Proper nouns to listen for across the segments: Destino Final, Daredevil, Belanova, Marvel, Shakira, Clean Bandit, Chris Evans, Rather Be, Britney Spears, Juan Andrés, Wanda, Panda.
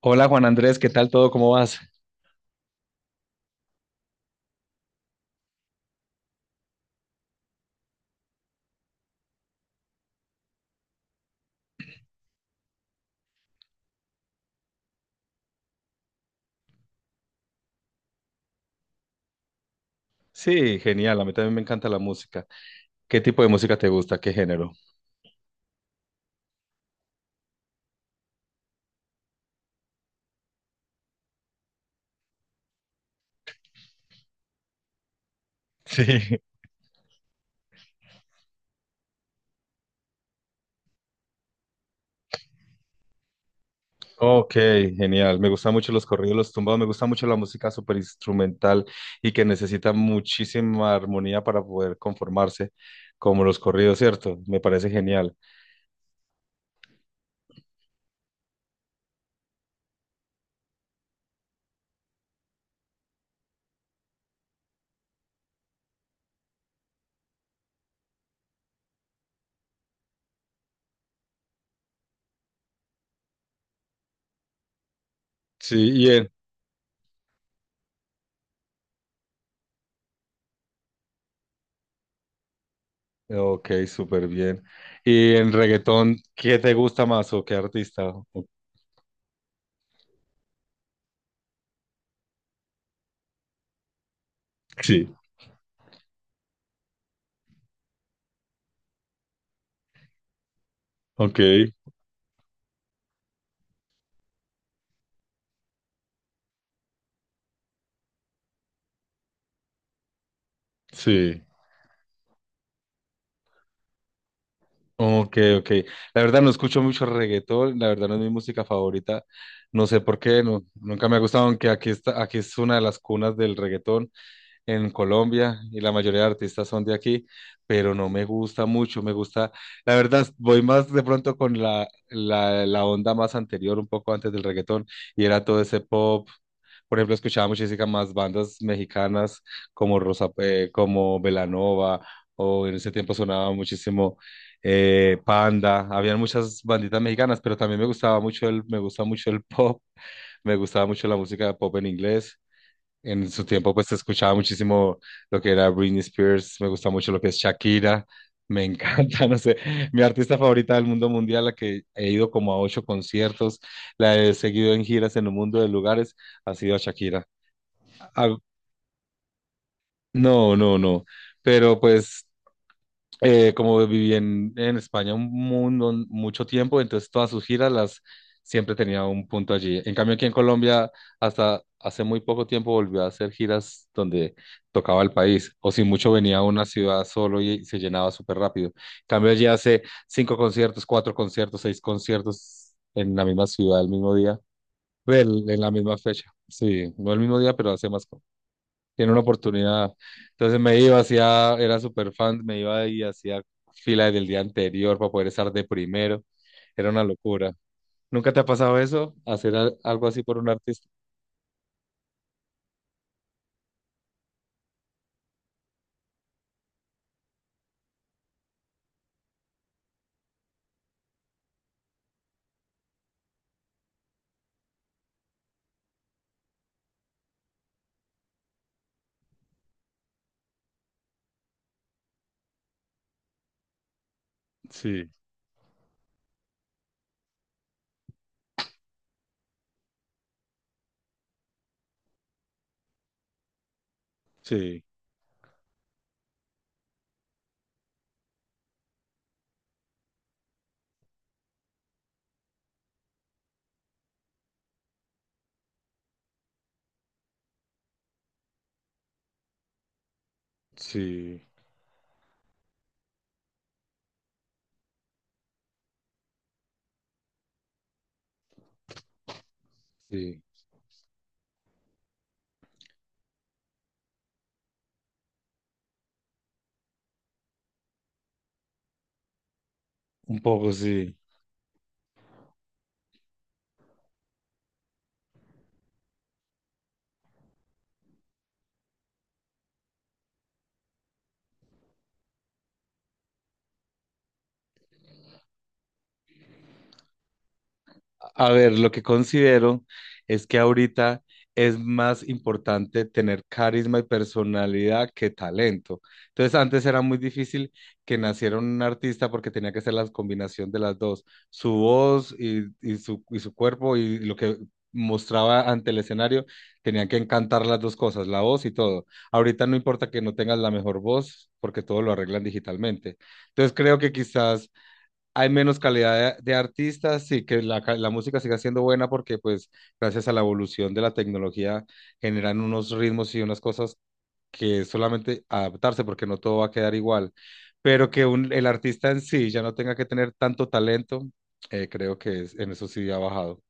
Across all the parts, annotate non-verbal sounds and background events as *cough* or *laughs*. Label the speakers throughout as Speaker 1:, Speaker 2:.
Speaker 1: Hola Juan Andrés, ¿qué tal todo? ¿Cómo vas? Sí, genial. A mí también me encanta la música. ¿Qué tipo de música te gusta? ¿Qué género? Sí. *laughs* Ok, genial. Me gustan mucho los corridos, los tumbados. Me gusta mucho la música súper instrumental y que necesita muchísima armonía para poder conformarse, como los corridos, ¿cierto? Me parece genial. Sí, y en... Ok, súper bien. ¿Y en reggaetón, qué te gusta más o qué artista? O- sí, ok, sí. Ok, ok. La verdad no escucho mucho reggaetón, la verdad no es mi música favorita. No sé por qué, no, nunca me ha gustado, aunque aquí está, aquí es una de las cunas del reggaetón en Colombia y la mayoría de artistas son de aquí, pero no me gusta mucho, me gusta, la verdad, voy más de pronto con la onda más anterior, un poco antes del reggaetón, y era todo ese pop, por ejemplo, escuchaba muchísimas más bandas mexicanas como Rosa, como Belanova, o en ese tiempo sonaba muchísimo Panda. Habían muchas banditas mexicanas, pero también me gustaba mucho el, me gusta mucho el *laughs* pop, me gustaba mucho la música de pop en inglés. En su tiempo, pues escuchaba muchísimo lo que era Britney Spears, me gusta mucho lo que es Shakira, me encanta, *laughs* no sé, mi artista favorita del mundo mundial, la que he ido como a 8 conciertos, la he seguido en giras en un mundo de lugares, ha sido a Shakira. Ah, no, no, no. Pero pues como viví en España un mundo, mucho tiempo, entonces todas sus giras las siempre tenía un punto allí. En cambio aquí en Colombia hasta hace muy poco tiempo volvió a hacer giras donde tocaba el país o si mucho venía a una ciudad solo y se llenaba súper rápido. En cambio allí hace 5 conciertos, 4 conciertos, 6 conciertos en la misma ciudad el mismo día, el- en la misma fecha. Sí, no el mismo día, pero hace más. Tiene una oportunidad. Entonces me iba, hacía, era súper fan, me iba y hacía fila del día anterior para poder estar de primero. Era una locura. ¿Nunca te ha pasado eso? ¿Hacer al- algo así por un artista? Sí, sí, sí. Sí, un poco sí. A ver, lo que considero es que ahorita es más importante tener carisma y personalidad que talento. Entonces, antes era muy difícil que naciera un artista porque tenía que ser la combinación de las dos, su voz y su cuerpo y lo que mostraba ante el escenario, tenían que encantar las dos cosas, la voz y todo. Ahorita no importa que no tengas la mejor voz porque todo lo arreglan digitalmente. Entonces, creo que quizás hay menos calidad de artistas y que la, ca- la música siga siendo buena porque pues gracias a la evolución de la tecnología generan unos ritmos y unas cosas que solamente adaptarse porque no todo va a quedar igual, pero que un- el artista en sí ya no tenga que tener tanto talento, creo que es- en eso sí ha bajado.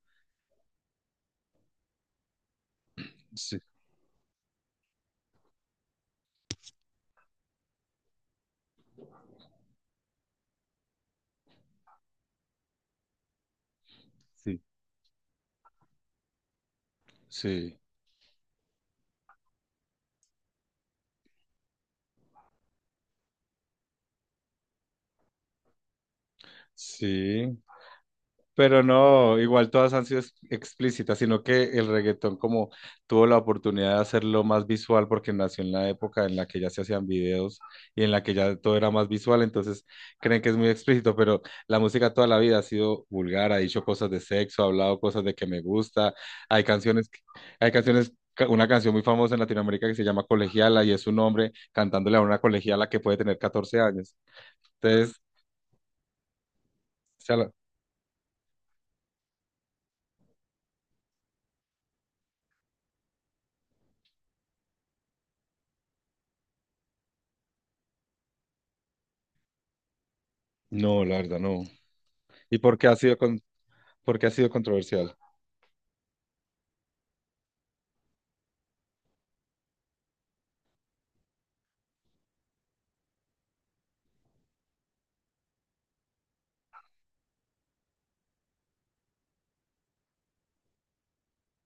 Speaker 1: Sí, sí, sí, sí. Pero no, igual todas han sido ex- explícitas, sino que el reggaetón como tuvo la oportunidad de hacerlo más visual porque nació en la época en la que ya se hacían videos y en la que ya todo era más visual, entonces creen que es muy explícito, pero la música toda la vida ha sido vulgar, ha dicho cosas de sexo, ha hablado cosas de que me gusta, hay canciones, que- hay canciones, ca- una canción muy famosa en Latinoamérica que se llama Colegiala y es un hombre cantándole a una colegiala que puede tener 14 años. Entonces, o sea, la- no, la verdad, no. ¿Y por qué ha sido porque ha sido controversial?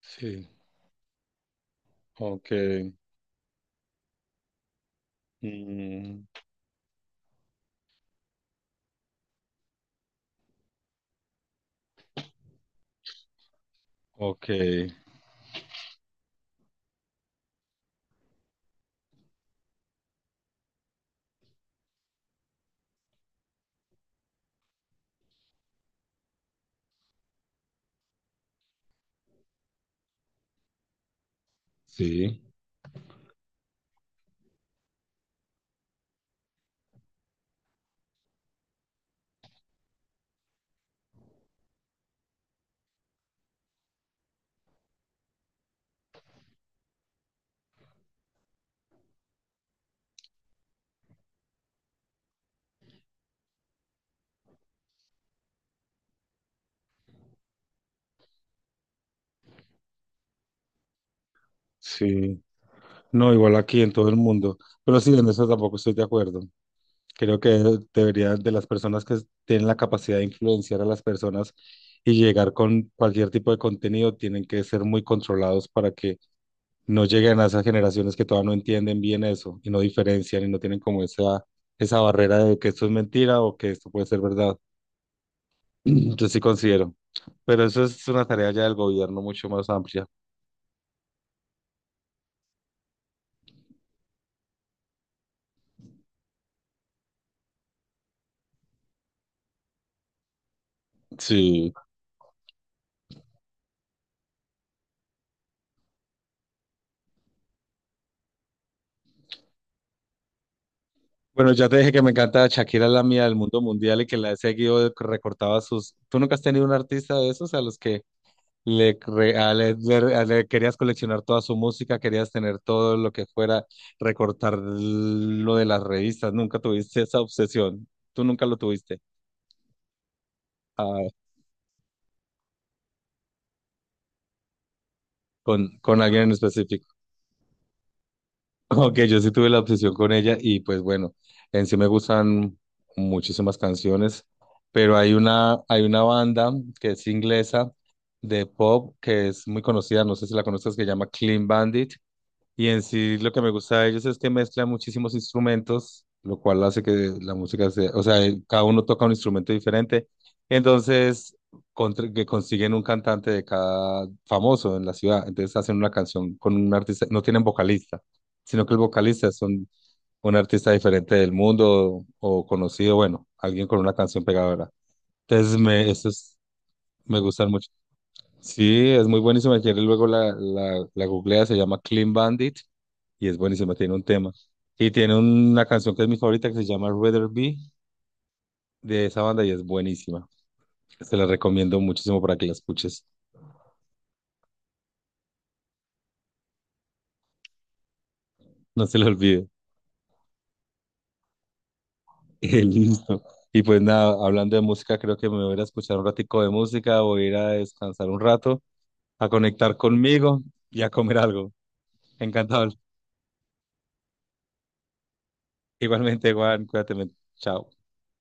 Speaker 1: Sí, ok. Mm, ok. Sí. Sí. No, igual aquí en todo el mundo. Pero sí, en eso tampoco estoy de acuerdo. Creo que debería de las personas que tienen la capacidad de influenciar a las personas y llegar con cualquier tipo de contenido, tienen que ser muy controlados para que no lleguen a esas generaciones que todavía no entienden bien eso y no diferencian y no tienen como esa barrera de que esto es mentira o que esto puede ser verdad. Yo sí considero, pero eso es una tarea ya del gobierno mucho más amplia. Sí, bueno, ya te dije que me encanta Shakira, la mía del mundo mundial y que la he seguido, que recortaba sus... ¿Tú nunca has tenido un artista de esos a los que le, cre- a- le- le- a- le querías coleccionar toda su música, querías tener todo lo que fuera, recortar lo de las revistas? ¿Nunca tuviste esa obsesión? ¿Tú nunca lo tuviste? Ah, ¿con, con alguien en específico? Ok, yo sí tuve la obsesión con ella y pues bueno, en sí me gustan muchísimas canciones, pero hay una banda que es inglesa de pop que es muy conocida, no sé si la conoces, que se llama Clean Bandit. Y en sí lo que me gusta de ellos es que mezclan muchísimos instrumentos, lo cual hace que la música sea, o sea, cada uno toca un instrumento diferente. Entonces, contra- que consiguen un cantante de cada famoso en la ciudad. Entonces hacen una canción con un artista, no tienen vocalista, sino que el vocalista es un artista diferente del mundo o, conocido, bueno, alguien con una canción pegadora. Entonces, me, esos me gustan mucho. Sí, es muy buenísima. Si quieres, luego la googlea, se llama Clean Bandit y es buenísima, tiene un tema. Y tiene una canción que es mi favorita que se llama Rather Be de esa banda y es buenísima. Se la recomiendo muchísimo para que la escuches. No se la olvide. *laughs* Listo. Y pues nada, hablando de música, creo que me voy a ir a escuchar un ratico de música, voy a ir a descansar un rato, a conectar conmigo y a comer algo. Encantado. Igualmente, Juan, cuídate. Men. Chao.